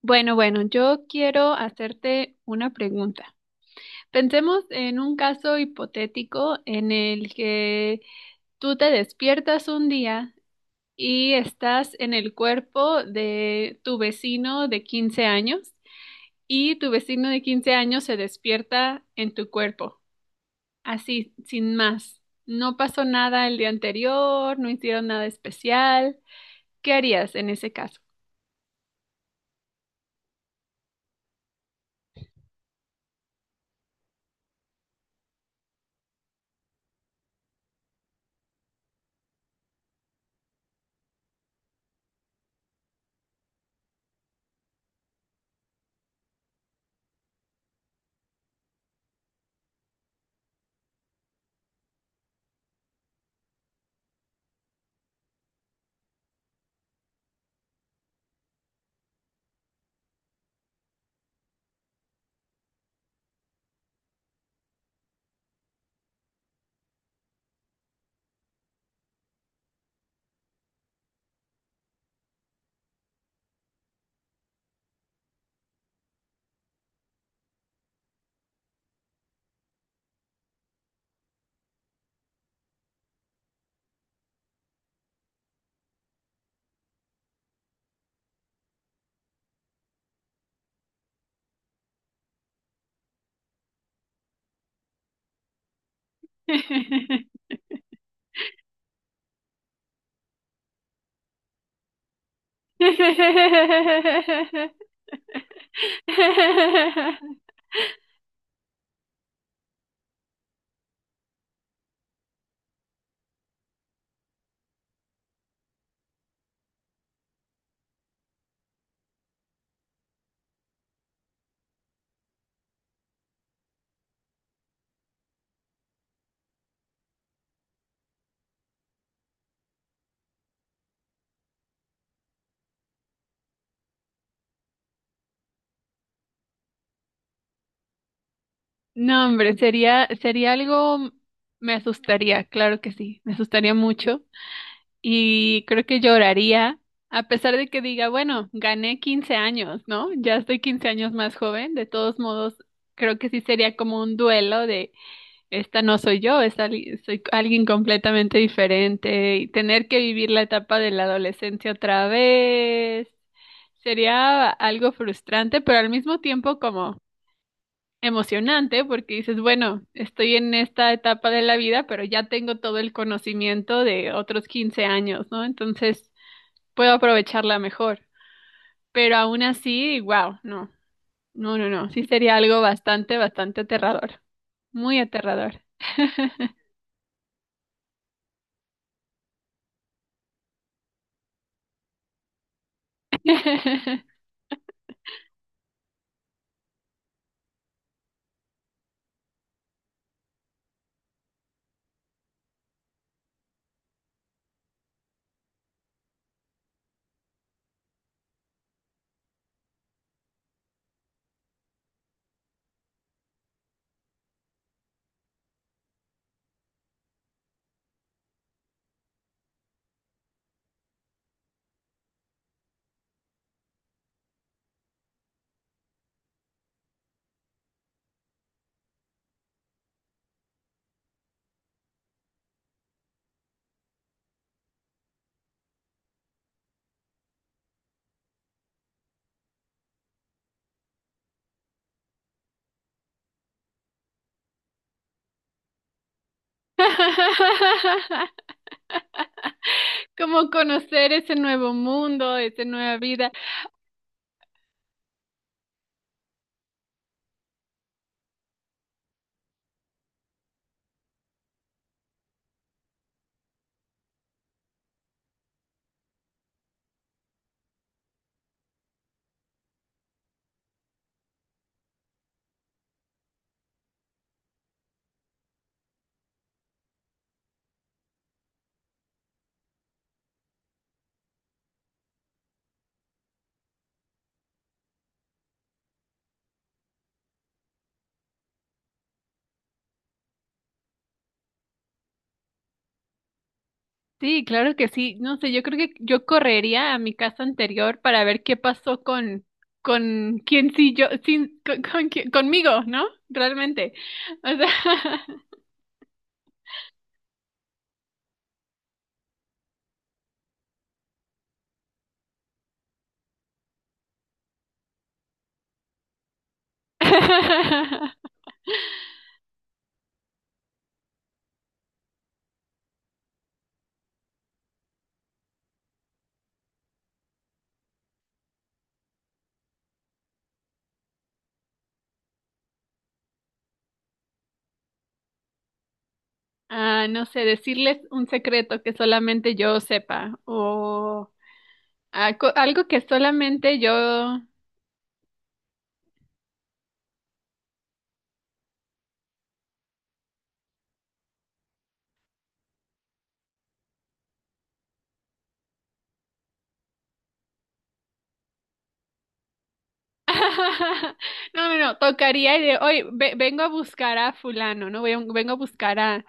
Bueno, bueno, yo quiero hacerte una pregunta. Pensemos en un caso hipotético en el que tú te despiertas un día y estás en el cuerpo de tu vecino de 15 años y tu vecino de 15 años se despierta en tu cuerpo, así, sin más. No pasó nada el día anterior, no hicieron nada especial. ¿Qué harías en ese caso? No, hombre, sería algo, me asustaría, claro que sí, me asustaría mucho y creo que lloraría, a pesar de que diga, bueno, gané 15 años, ¿no? Ya estoy 15 años más joven. De todos modos, creo que sí sería como un duelo de, esta no soy yo, soy alguien completamente diferente, y tener que vivir la etapa de la adolescencia otra vez. Sería algo frustrante, pero al mismo tiempo como emocionante porque dices, bueno, estoy en esta etapa de la vida, pero ya tengo todo el conocimiento de otros 15 años, ¿no? Entonces puedo aprovecharla mejor. Pero aún así, wow, no, no, no, no, sí sería algo bastante, bastante aterrador, muy aterrador. Como conocer ese nuevo mundo, esa nueva vida. Sí, claro que sí. No sé, yo creo que yo correría a mi casa anterior para ver qué pasó con, quién sí yo, sin, con conmigo, ¿no? Realmente. O sea, ah, no sé, decirles un secreto que solamente yo sepa, o ah, algo que solamente yo... No, no, no, tocaría y de, oye, vengo a buscar a fulano, ¿no? Vengo a buscar a,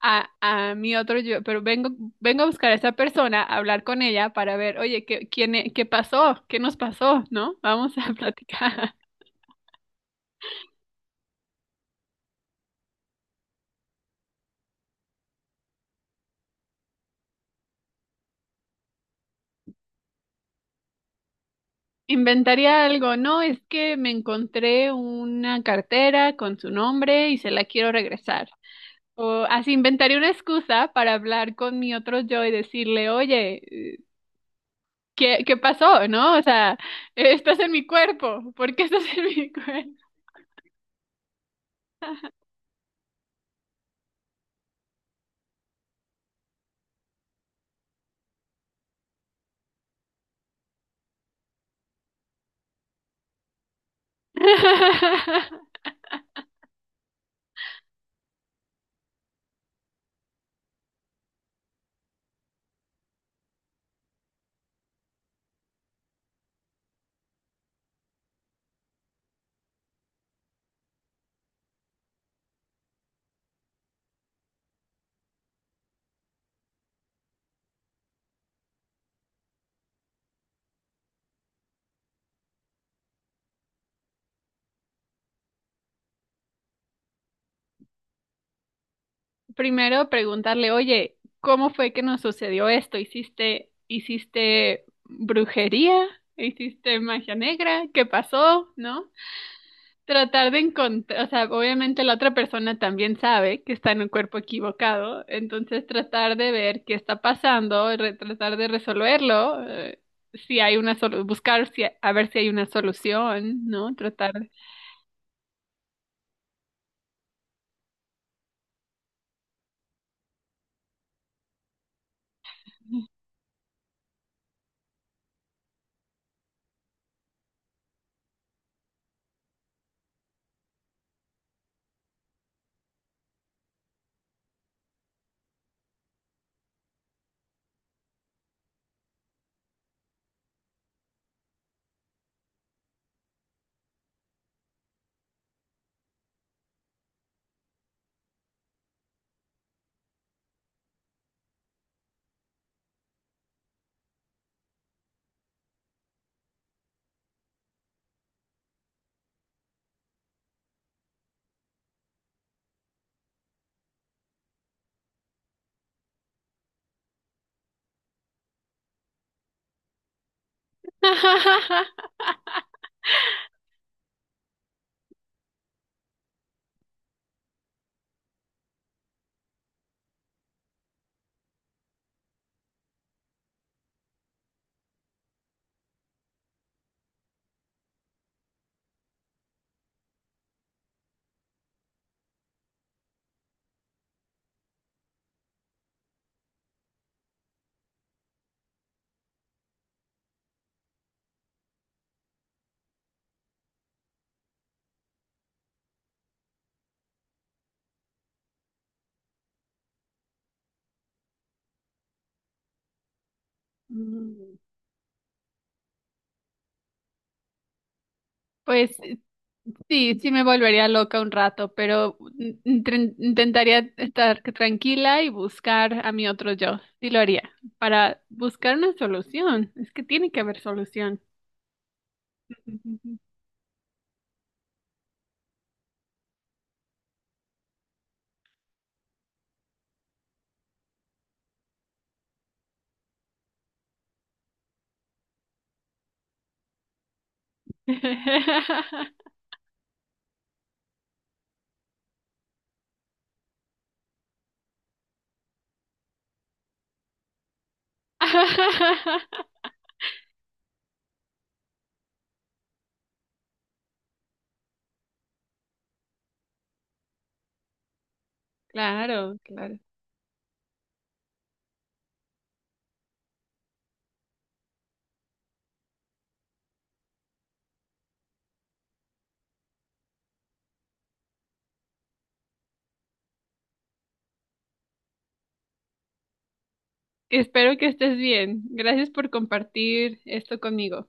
a mi otro yo, pero vengo a buscar a esa persona, a hablar con ella para ver, oye, ¿qué, quién, qué pasó? ¿Qué nos pasó? ¿No? Vamos a platicar. Inventaría algo, no, es que me encontré una cartera con su nombre y se la quiero regresar. O así inventaría una excusa para hablar con mi otro yo y decirle, oye, ¿qué pasó, no? O sea, estás en mi cuerpo. ¿Por qué estás en mi cuerpo? Primero preguntarle, oye, ¿cómo fue que nos sucedió esto? ¿Hiciste brujería? ¿Hiciste magia negra? ¿Qué pasó? ¿No? Tratar de encontrar, o sea, obviamente la otra persona también sabe que está en un cuerpo equivocado, entonces tratar de ver qué está pasando, tratar de resolverlo, si hay una solución, buscar si a ver si hay una solución, ¿no? Tratar de... Mm, Pues sí, sí me volvería loca un rato, pero intentaría estar tranquila y buscar a mi otro yo, sí lo haría, para buscar una solución, es que tiene que haber solución. Claro, claro. Espero que estés bien. Gracias por compartir esto conmigo.